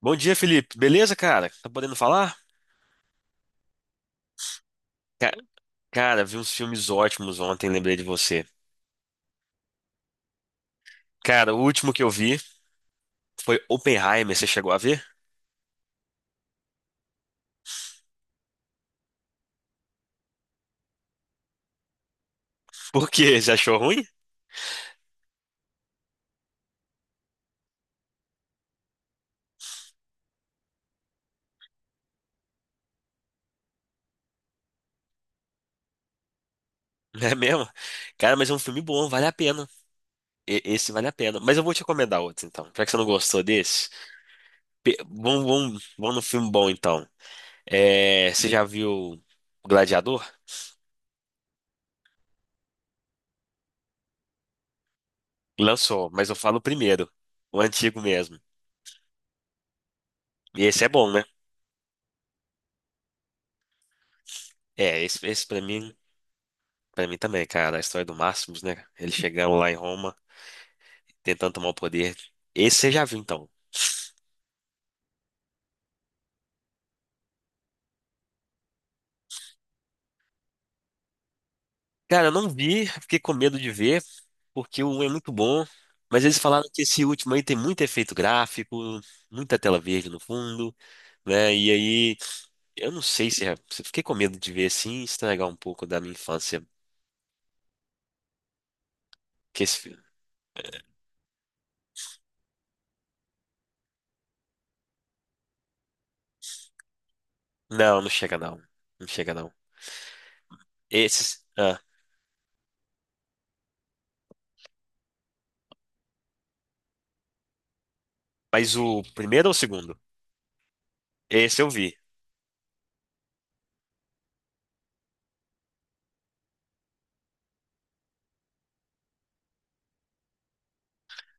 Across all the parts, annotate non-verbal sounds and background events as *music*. Bom dia, Felipe. Beleza, cara? Tá podendo falar? Ca- Cara, vi uns filmes ótimos ontem, lembrei de você. Cara, o último que eu vi foi Oppenheimer, você chegou a ver? *laughs* Por quê? Você achou ruim? *laughs* É mesmo? Cara, mas é um filme bom, vale a pena. Esse vale a pena. Mas eu vou te recomendar outro, então. Já que você não gostou desse, vamos no filme bom, então. É, você já viu Gladiador? Lançou, mas eu falo o primeiro. O antigo mesmo. E esse é bom, né? É, esse pra mim. Pra mim também, cara, a história do Máximos, né? Ele chegando lá em Roma, tentando tomar o poder. Esse você já viu, então. Cara, eu não vi, fiquei com medo de ver, porque o 1 é muito bom. Mas eles falaram que esse último aí tem muito efeito gráfico, muita tela verde no fundo, né? E aí, eu não sei se Fiquei com medo de ver assim, estragar um pouco da minha infância. Que Não, não chega não. Não chega não. Esses. Ah, mas o primeiro ou o segundo? Esse eu vi.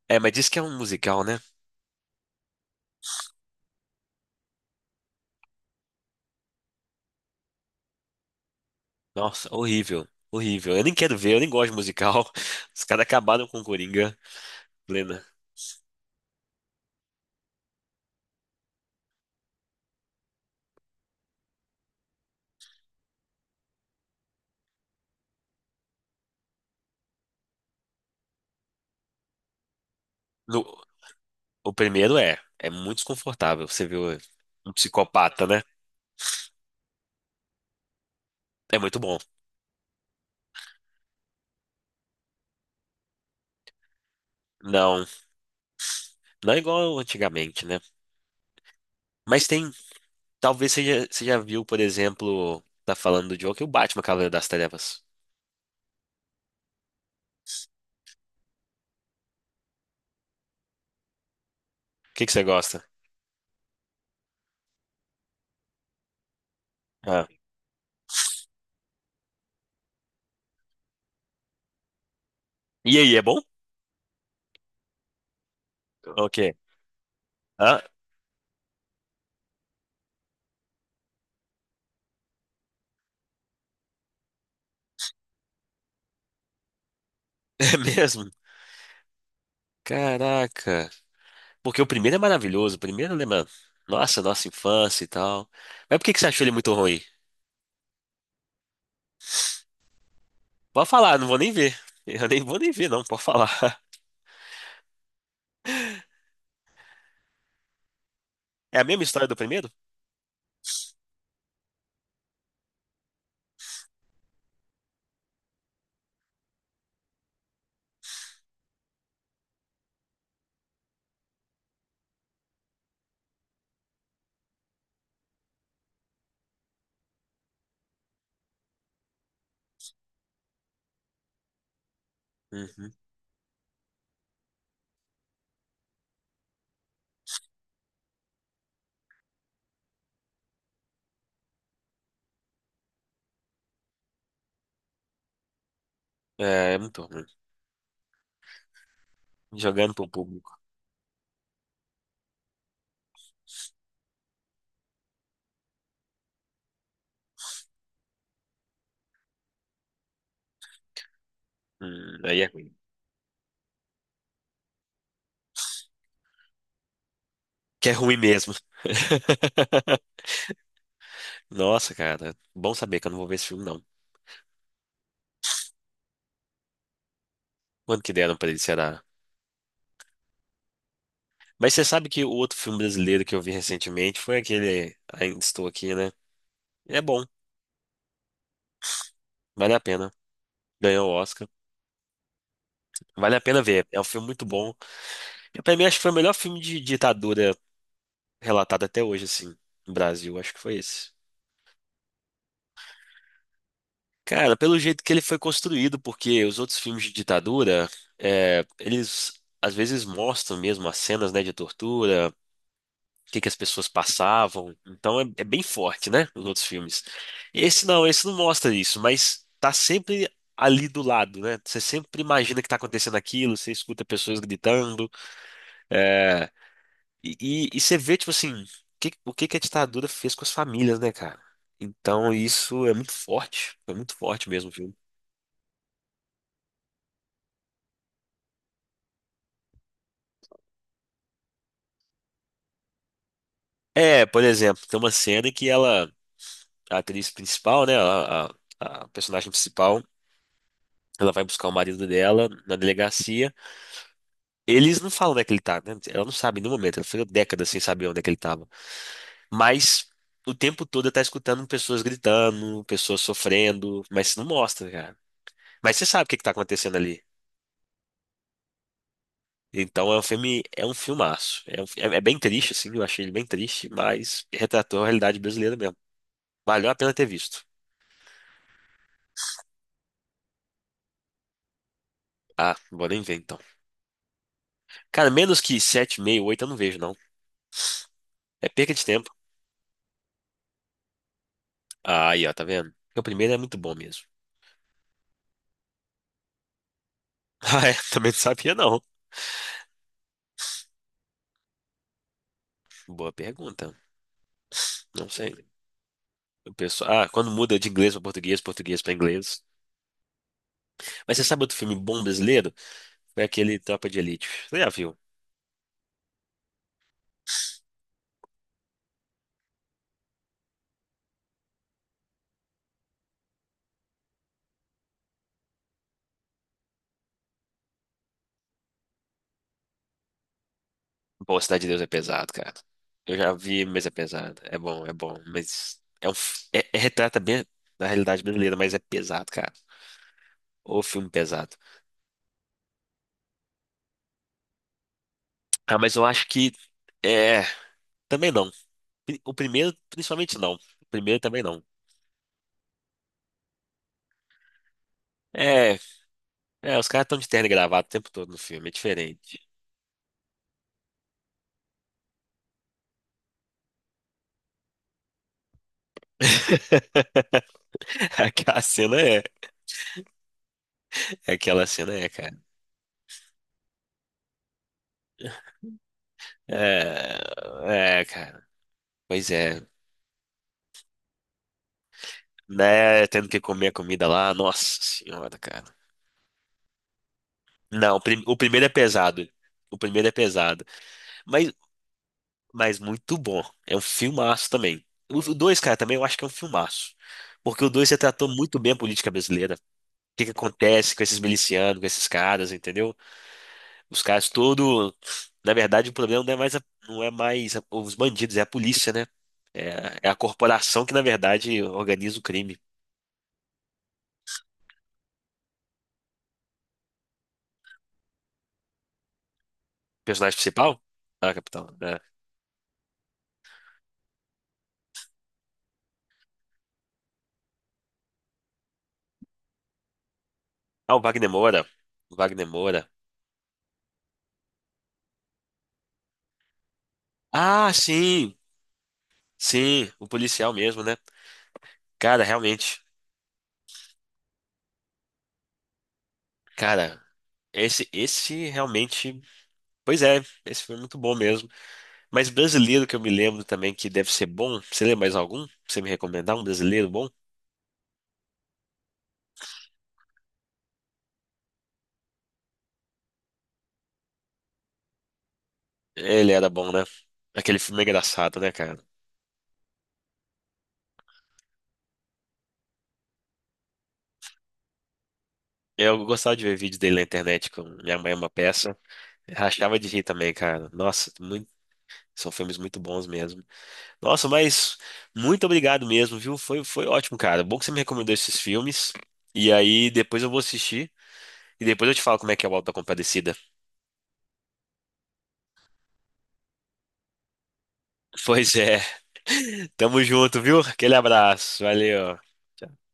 É, mas diz que é um musical, né? Nossa, horrível. Horrível. Eu nem quero ver, eu nem gosto de musical. *laughs* Os caras acabaram com o Coringa, plena. No- o primeiro é muito desconfortável. Você viu um psicopata, né? É muito bom. Não, não é igual antigamente, né? Mas tem, talvez você já viu, por exemplo, tá falando do Joker, o Batman Cavaleiro das Trevas. O que que você gosta? Ah. E aí, é bom? Ok. Ah, *laughs* é mesmo? Caraca. Porque o primeiro é maravilhoso, o primeiro lembra, nossa, nossa infância e tal. Mas por que que você achou ele muito ruim? Pode falar, não vou nem ver. *laughs* Eu nem vou nem ver, não, pode falar. *laughs* É a mesma história do primeiro? Uhum. É, é muito ruim. Jogando pro público. Aí é ruim. Que é ruim mesmo. *laughs* Nossa, cara. Bom saber que eu não vou ver esse filme, não. Quanto que deram pra ele, será? Mas você sabe que o outro filme brasileiro que eu vi recentemente foi aquele Ainda Estou Aqui, né? É bom, vale a pena. Ganhou o Oscar. Vale a pena ver. É um filme muito bom. Pra mim, acho que foi o melhor filme de ditadura relatado até hoje, assim, no Brasil. Acho que foi esse. Cara, pelo jeito que ele foi construído, porque os outros filmes de ditadura, é, eles às vezes mostram mesmo as cenas, né, de tortura, o que que as pessoas passavam. Então é bem forte, né, os outros filmes. Esse não mostra isso, mas tá sempre ali do lado, né? Você sempre imagina que tá acontecendo aquilo, você escuta pessoas gritando. é, E, e você vê, tipo assim, o que que a ditadura fez com as famílias, né, cara? Então isso é muito forte mesmo o filme. É, por exemplo, tem uma cena em que ela, a atriz principal, né, a personagem principal, ela vai buscar o marido dela na delegacia. Eles não falam onde é que ele tá, né? Ela não sabe em nenhum momento, ela ficou décadas sem saber onde é que ele tava. Mas o tempo todo ela tá escutando pessoas gritando, pessoas sofrendo, mas não mostra, cara. Mas você sabe o que que tá acontecendo ali. Então é um filme, é um filmaço. É, é bem triste, assim, eu achei ele bem triste, mas retratou a realidade brasileira mesmo. Valeu a pena ter visto. Ah, não vou nem ver então. Cara, menos que 7,5, 8 eu não vejo, não. É perca de tempo. Ah, aí, ó, tá vendo? Porque o primeiro é muito bom mesmo. *laughs* Ah, é, também não sabia, não. Boa pergunta. Não sei. O pessoal, ah, quando muda de inglês pra português, português pra inglês. Mas você sabe outro filme bom brasileiro? Foi aquele Tropa de Elite. Você já viu? Pô, Cidade de Deus é pesado, cara. Eu já vi, mas é pesado. É bom, mas é é retrata bem da realidade brasileira, mas é pesado, cara. O filme pesado. Ah, mas eu acho que é, também não. O primeiro, principalmente não. O primeiro também não. É, os caras estão de terno e gravata o tempo todo no filme, é diferente. *laughs* Aquela cena é, aquela cena é, cara. É, cara. Pois é. Né? Tendo que comer a comida lá. Nossa senhora, cara. Não, o primeiro é pesado. O primeiro é pesado. Mas, mas muito bom. É um filmaço também. O dois, cara, também eu acho que é um filmaço. Porque o dois retratou muito bem a política brasileira. O que que acontece com esses milicianos, com esses caras, entendeu? Os caras todo. Na verdade, o problema não é mais os bandidos, é a polícia, né? É, é a corporação que, na verdade, organiza o crime. O personagem principal? Ah, capitão. É, ah, o Wagner Moura. O Wagner Moura. Ah, sim, sim, o policial mesmo, né? Cara, realmente, cara, esse realmente, pois é, esse foi muito bom mesmo. Mas brasileiro que eu me lembro também que deve ser bom, você lembra mais algum? Pra você me recomendar um brasileiro bom? Ele era bom, né? Aquele filme é engraçado, né, cara? Eu gostava de ver vídeos dele na internet com Minha Mãe é uma Peça. Rachava de rir também, cara. São filmes muito bons mesmo. Nossa, mas muito obrigado mesmo, viu? Foi ótimo, cara. Bom que você me recomendou esses filmes. E aí depois eu vou assistir e depois eu te falo como é que é o Auto da Compadecida. Pois é. *laughs* Tamo junto, viu? Aquele abraço. Valeu. Tchau.